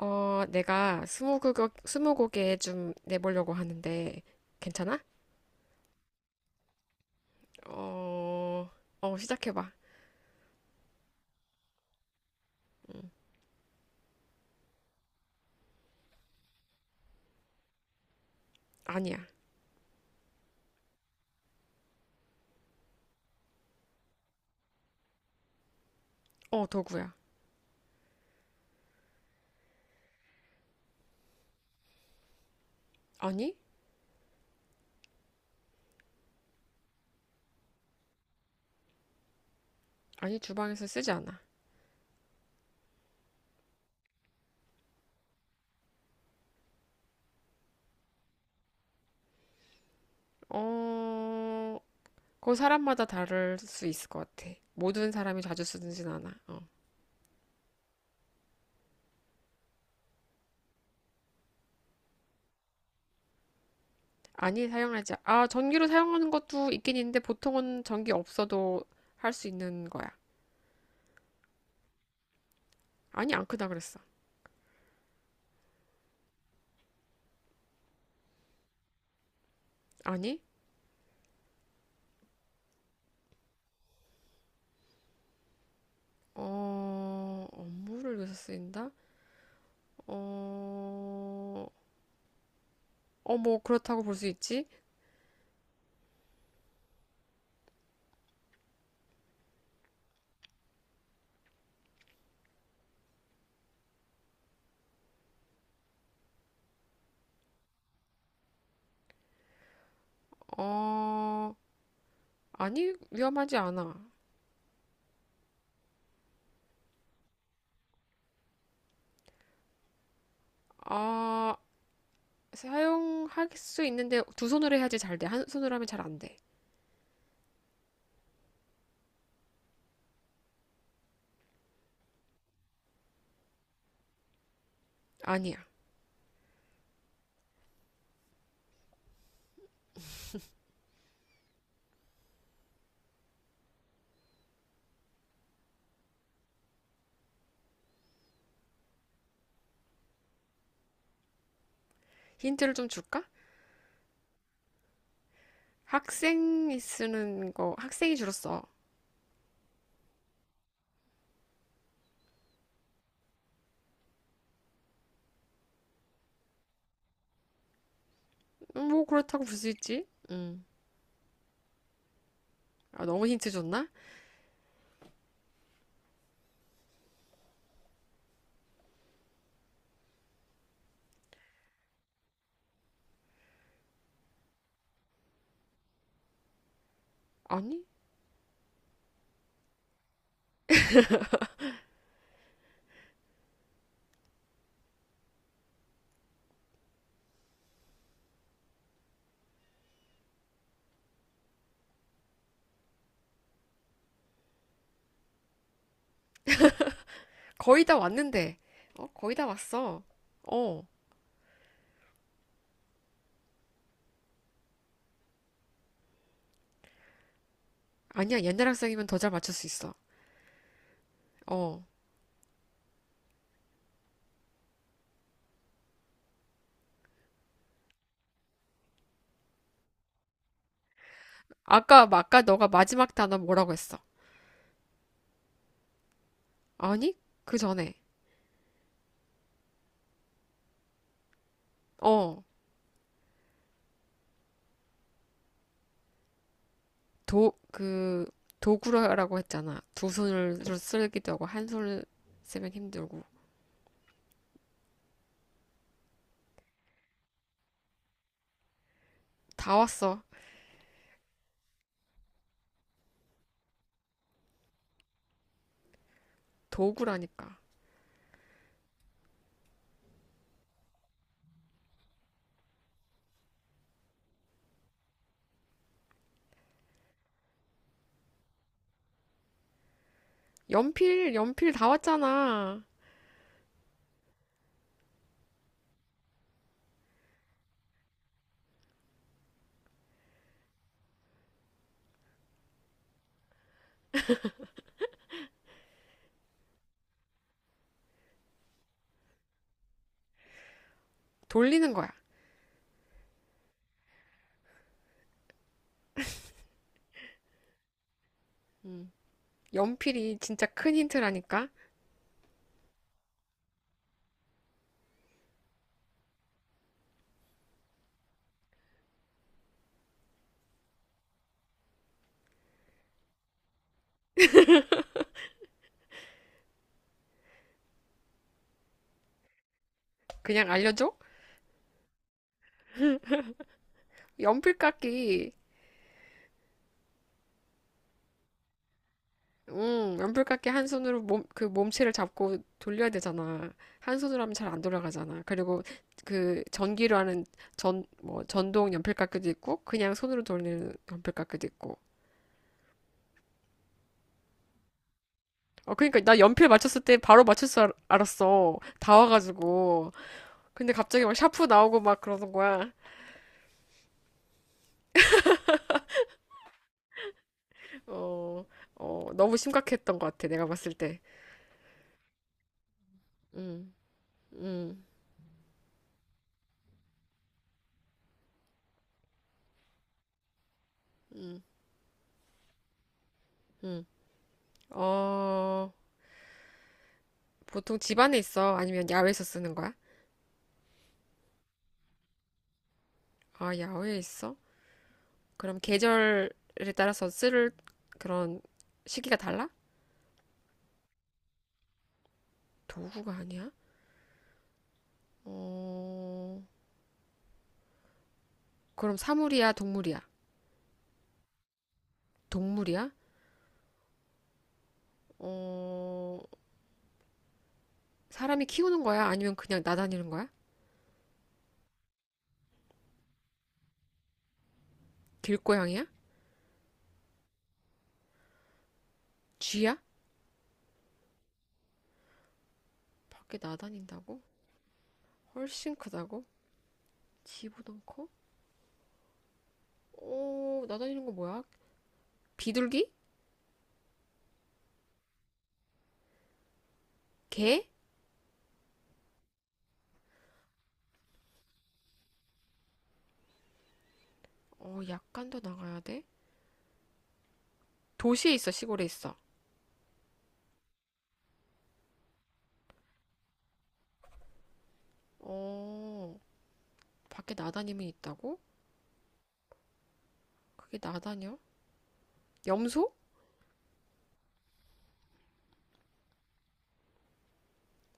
내가 스무고개, 스무고개 좀 내보려고 하는데, 괜찮아? 어, 시작해봐. 아니야. 도구야. 아니? 아니, 주방에서 쓰지 않아. 어, 그 사람마다 다를 수 있을 것 같아. 모든 사람이 자주 쓰진 않아. 어. 아니, 사용하지. 아, 전기로 사용하는 것도 있긴 있는데, 보통은 전기 없어도 할 수 있는 거야. 아니, 안 크다 그랬어. 아니? 업무를 위해서 쓰인다? 어, 뭐, 그렇다고 볼 수 있지? 어, 아니, 위험하지 않아. 아, 사용할 수 있는데 두 손으로 해야지 잘 돼. 한 손으로 하면 잘 안 돼. 아니야. 힌트를 좀 줄까? 학생이 쓰는 거, 학생이 주로 써. 뭐, 그렇다고 볼 수 있지? 음. 아, 너무 힌트 줬나? 아니, 거의 다 왔는데. 어, 거의 다 왔어. 어, 아니야. 옛날 학생이면 더 잘 맞출 수 있어. 어. 아까, 아까 너가 마지막 단어 뭐라고 했어? 아니, 그 전에. 어. 도, 그, 도구라고 했잖아. 두 손으로 쓰기도 하고, 한 손을 쓰면 힘들고. 다 왔어. 도구라니까. 연필, 연필 다 왔잖아. 돌리는 거야. 음. 연필이 진짜 큰 힌트라니까. 그냥 알려줘? 연필깎이. 연필깎이 한 손으로 몸, 그 몸체를 잡고 돌려야 되잖아. 한 손으로 하면 잘 안 돌아가잖아. 그리고 그 전기로 하는 전, 뭐, 전동 연필깎이도 있고, 그냥 손으로 돌리는 연필깎이도 있고. 어, 그러니까 나 연필 맞췄을 때 바로 맞출 줄 알았어. 다 와가지고. 근데 갑자기 막 샤프 나오고 막 그러는 거야. 어, 너무 심각했던 것 같아. 내가 봤을 때. 음, 음, 음, 음. 어, 보통 집 안에 있어? 아니면 야외에서 쓰는 거야? 아, 야외에 있어? 그럼 계절에 따라서 쓸 그런 시기가 달라? 도구가 아니야? 어, 그럼 사물이야, 동물이야? 동물이야? 어, 사람이 키우는 거야? 아니면 그냥 나다니는 거야? 길고양이야? 쥐야? 밖에 나다닌다고? 훨씬 크다고? 쥐보단 커? 오, 나다니는 거 뭐야? 비둘기? 개? 어, 약간 더 나가야 돼? 도시에 있어, 시골에 있어? 어, 밖에 나다니면 있다고? 그게 나다녀? 염소?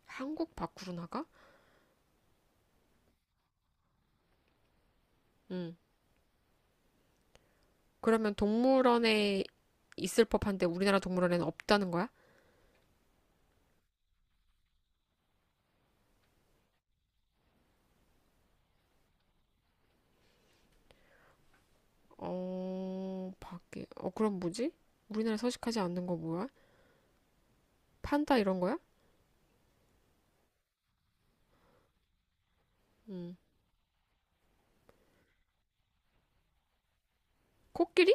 한국 밖으로 나가? 응. 그러면 동물원에 있을 법한데 우리나라 동물원에는 없다는 거야? 어, 밖에. 어, 그럼 뭐지? 우리나라 서식하지 않는 거 뭐야? 판다 이런 거야? 음. 코끼리?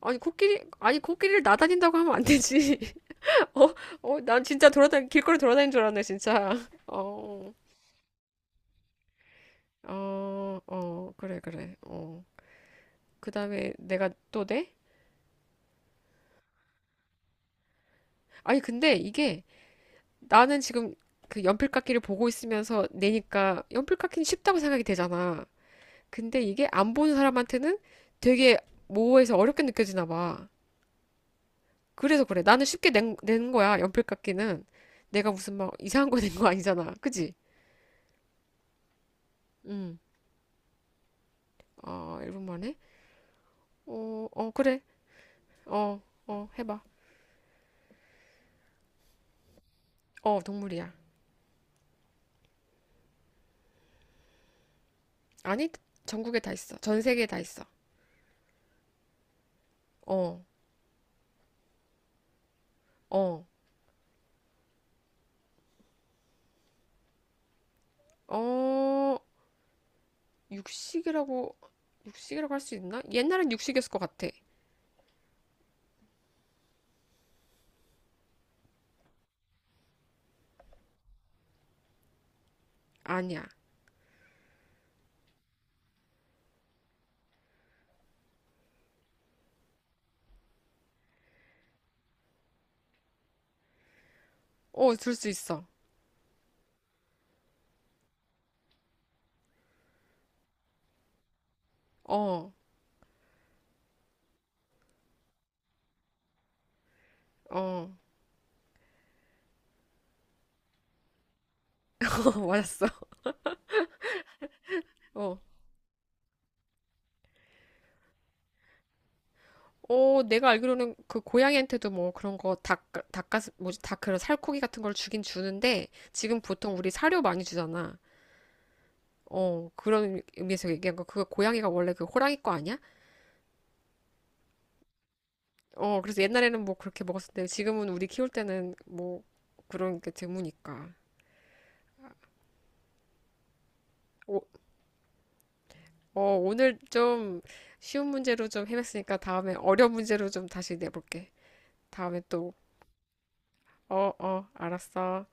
아니 코끼리 아니 코끼리를 나다닌다고 하면 안 되지. 어? 어, 난 진짜 돌아다니 길거리 돌아다닌 줄 알았네, 진짜. 어. 어, 어, 그래 그래. 어. 그다음에 내가 또 내? 아니 근데 이게 나는 지금 그 연필깎이를 보고 있으면서 내니까 연필깎이는 쉽다고 생각이 되잖아. 근데 이게 안 보는 사람한테는 되게 모호해서 어렵게 느껴지나 봐. 그래서 그래. 나는 쉽게 낸 거야. 연필 깎이는 내가 무슨 막 이상한 거 낸거 아니잖아. 그지? 응. 아, 1분 만에? 어, 어, 그래. 어, 어, 해봐. 어, 동물이야. 아니, 전국에 다 있어. 전 세계에 다 있어. 어, 어, 어, 육식이라고, 육식이라고 할 수 있나? 옛날엔 육식이었을 것 같아. 아니야. 어, 들 수 있어. 어, 어, 맞았어. 어. 어, 내가 알기로는 그 고양이한테도 뭐 그런 거 닭, 닭가슴, 뭐지, 닭 그런 살코기 같은 걸 주긴 주는데 지금 보통 우리 사료 많이 주잖아. 어, 그런 의미에서 얘기한 거. 그거 고양이가 원래 그 호랑이 거 아니야? 어, 그래서 옛날에는 뭐 그렇게 먹었었는데 지금은 우리 키울 때는 뭐 그런 게 드무니까. 오, 어, 오늘 좀 쉬운 문제로 좀 해봤으니까 다음에 어려운 문제로 좀 다시 내볼게. 다음에 또, 어, 어, 알았어.